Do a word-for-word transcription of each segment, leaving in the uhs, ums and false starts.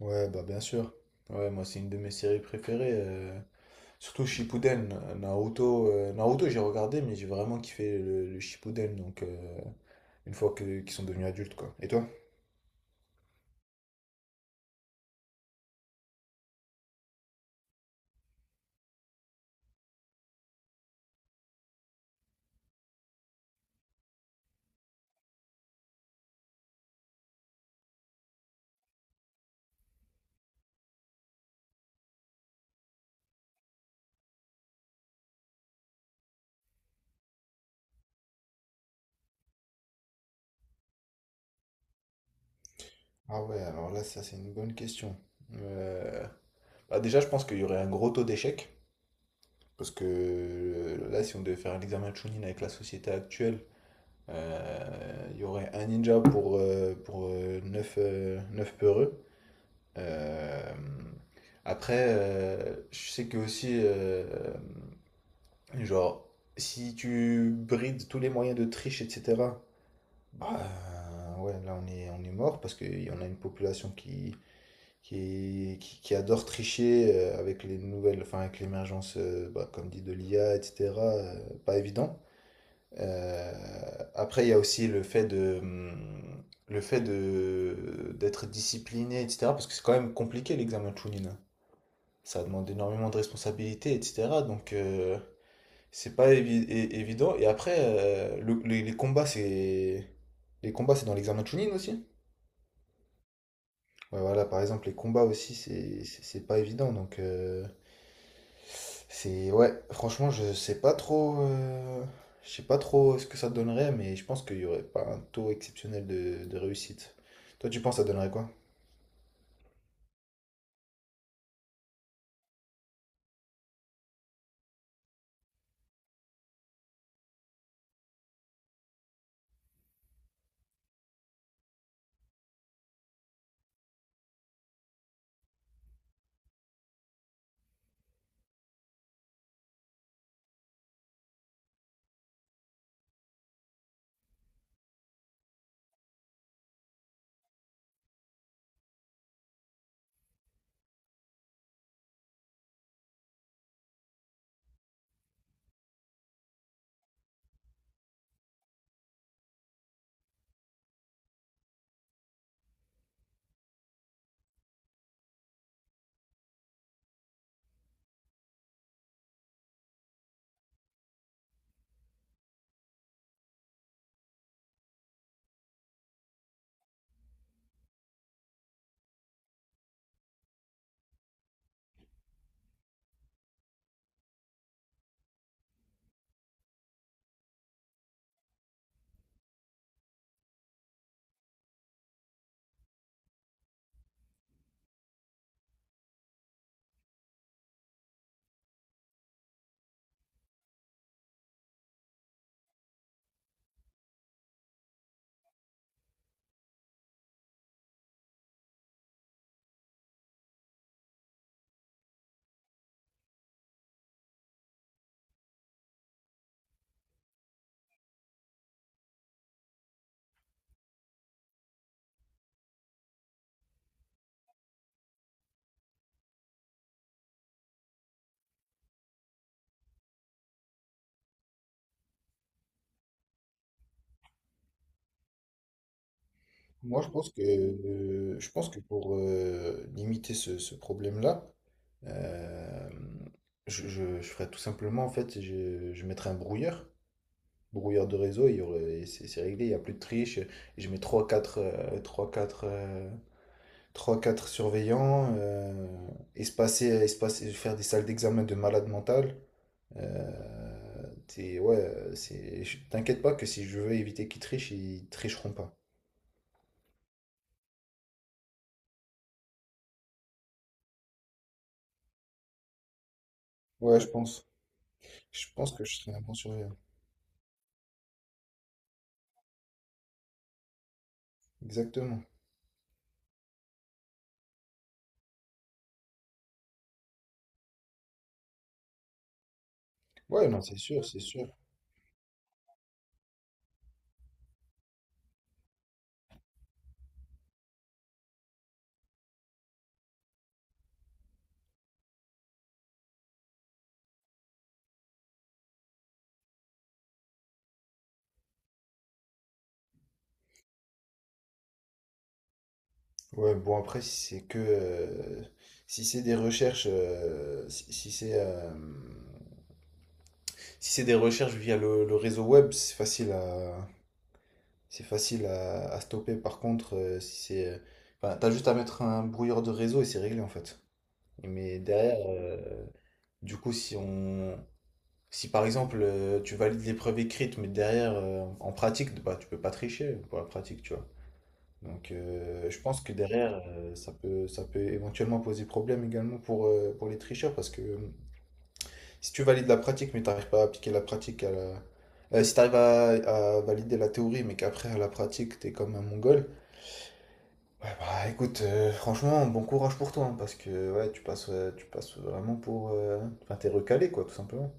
Ouais, bah bien sûr. Ouais, moi c'est une de mes séries préférées. euh, Surtout Shippuden, Naruto. euh, Naruto j'ai regardé, mais j'ai vraiment kiffé le, le Shippuden, donc euh, une fois que, qu'ils sont devenus adultes, quoi. Et toi? Ah ouais, alors là ça c'est une bonne question. Euh, Bah, déjà je pense qu'il y aurait un gros taux d'échec, parce que euh, là si on devait faire un examen de Chunin avec la société actuelle, euh, il y aurait un ninja pour, euh, pour euh, neuf peureux. Euh, Après, euh, je sais que aussi, euh, genre, si tu brides tous les moyens de triche, et cetera, bah ouais, là on est, on est mort parce qu'il y en a une population qui, qui, est- qui, qui adore tricher euh, avec les nouvelles, enfin avec l'émergence, euh, bah, comme dit, de l'I A, et cetera, euh, pas évident. Euh, Après, il y a aussi le fait de, hum, le fait de, d'être discipliné, et cetera, parce que c'est quand même compliqué l'examen de Chunin, ça demande énormément de responsabilités, et cetera. Donc, euh, c'est pas évi- é- évident. Et après, euh, le- les, les combats, c'est. Les combats, c'est dans l'examen de Chunin aussi. Ouais, voilà, par exemple, les combats aussi, c'est c'est- c'est pas évident. Donc, euh, c'est. Ouais, franchement, je sais pas trop. euh, Je sais pas trop ce que ça donnerait, mais je pense qu'il y aurait pas un taux exceptionnel de, de réussite. Toi, tu penses que ça donnerait quoi? Moi, je pense que, euh, je pense que pour euh, limiter ce, ce problème-là, euh, je, je, je ferais tout simplement, en fait, je, je mettrais un brouilleur, brouilleur de réseau, il y aurait, et c'est c'est réglé, il n'y a plus de triche. Et je mets trois, quatre, euh, trois quatre euh, trois quatre surveillants, euh, espacer, espacer, faire des salles d'examen de malade mental. Euh, t'es- ouais, c'est, je- t'inquiète pas que si je veux éviter qu'ils trichent, ils tricheront pas. Ouais, je pense. Je pense que je serais un bon surveillant. Exactement. Ouais, non, c'est sûr, c'est sûr. Ouais, bon, après, si c'est que. Euh, si c'est des recherches. euh, si si c'est. Euh, si c'est des recherches via le, le réseau web, c'est facile à. C'est facile à, à stopper. Par contre, euh, si c'est. euh, Enfin, t'as juste à mettre un brouilleur de réseau et c'est réglé, en fait. Mais derrière. Euh, du coup, si on. Si par exemple euh, tu valides l'épreuve écrite, mais derrière euh, en pratique, bah tu peux pas tricher pour la pratique, tu vois. Donc, euh, je pense que derrière, euh, ça peut, ça peut éventuellement poser problème également pour, euh, pour les tricheurs parce que euh, si tu valides la pratique, mais tu n'arrives pas à appliquer la pratique à la... Euh, si tu arrives à, à valider la théorie, mais qu'après à la pratique, tu es comme un mongol, ouais, bah écoute, euh, franchement, bon courage pour toi hein, parce que ouais, tu passes, euh, tu passes vraiment pour. euh, Enfin, t'es recalé, quoi, tout simplement.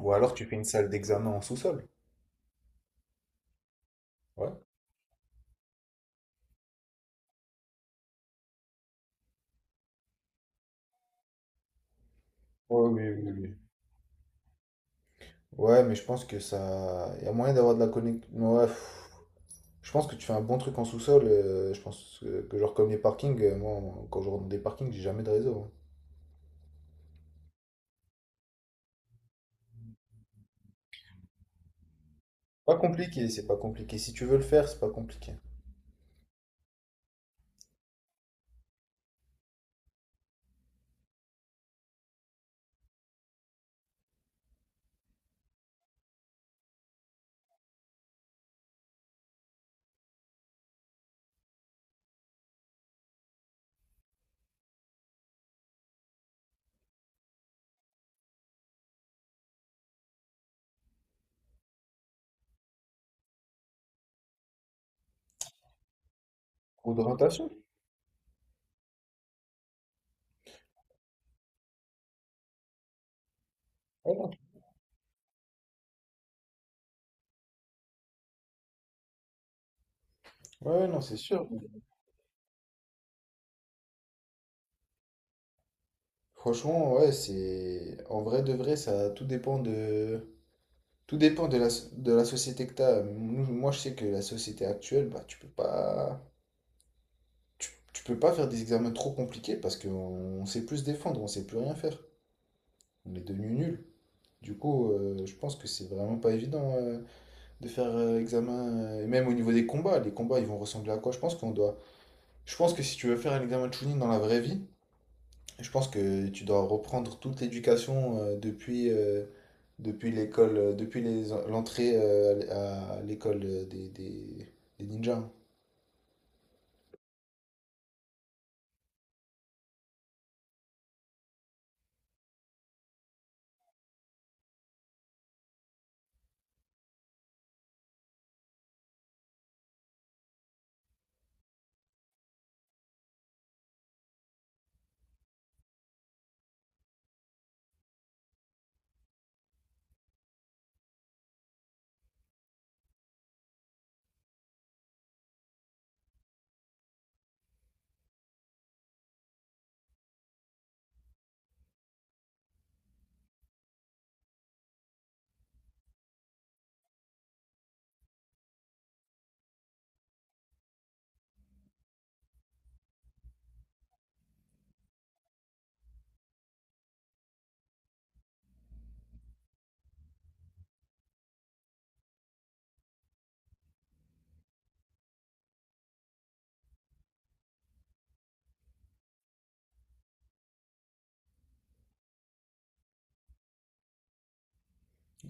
Ou alors tu fais une salle d'examen en sous-sol. Ouais. Ouais, oui, oui, oui. Ouais, mais je pense que ça. Il y a moyen d'avoir de la connexion. Ouais, pff, je pense que tu fais un bon truc en sous-sol. Euh, je pense que, que genre comme les parkings, euh, moi en- quand je rentre dans des parkings, j'ai jamais de réseau. Hein. Pas compliqué, c'est pas compliqué. Si tu veux le faire, c'est pas compliqué. Ou d'orientation. Voilà. Ouais, non, Ouais, non, c'est sûr. Franchement, ouais, c'est en vrai de vrai, ça tout dépend de tout dépend de la de la société que t'as. Nous- Moi, je sais que la société actuelle, bah, tu peux pas tu, tu peux pas faire des examens trop compliqués parce qu'on sait plus se défendre, on sait plus rien faire. On est devenu nul. Du coup, euh, je pense que c'est vraiment pas évident euh, de faire euh, examen, euh, et même au niveau des combats, les combats ils vont ressembler à quoi? Je pense qu'on doit. Je pense que si tu veux faire un examen de Chunin dans la vraie vie, je pense que tu dois reprendre toute l'éducation euh, depuis, euh, depuis l'école, euh, depuis les l'entrée euh, à l'école euh, des, des, des ninjas.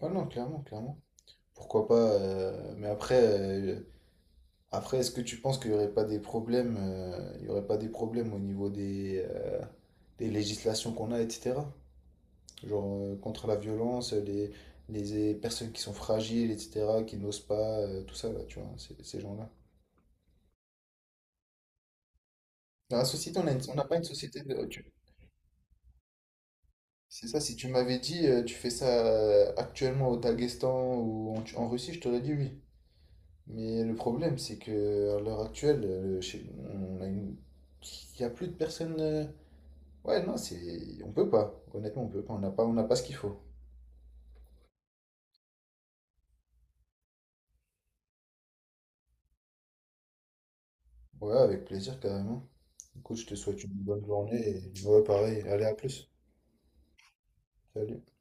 Ouais, non, clairement, clairement. Pourquoi pas, euh, mais après, euh, après, est-ce que tu penses qu'il n'y aurait pas des problèmes, euh, il y aurait pas des problèmes au niveau des, euh, des législations qu'on a, et cetera Genre euh, contre la violence, les, les personnes qui sont fragiles, et cetera, qui n'osent pas, euh, tout ça, là, tu vois, ces, ces gens-là. Dans la société, on a une- on n'a pas une société de... tu- C'est ça, si tu m'avais dit, euh, tu fais ça euh, actuellement au Daghestan ou en, Tu- en Russie, je t'aurais dit oui. Mais le problème, c'est que à l'heure actuelle, euh, chez- on a une... Il n'y a plus de personnes... euh, Ouais, non, c'est... On peut pas. Honnêtement, on peut pas. On n'a pas, on n'a pas ce qu'il faut. Ouais, avec plaisir, carrément. Écoute, je te souhaite une bonne journée et ouais, pareil. Allez, à plus. Salut.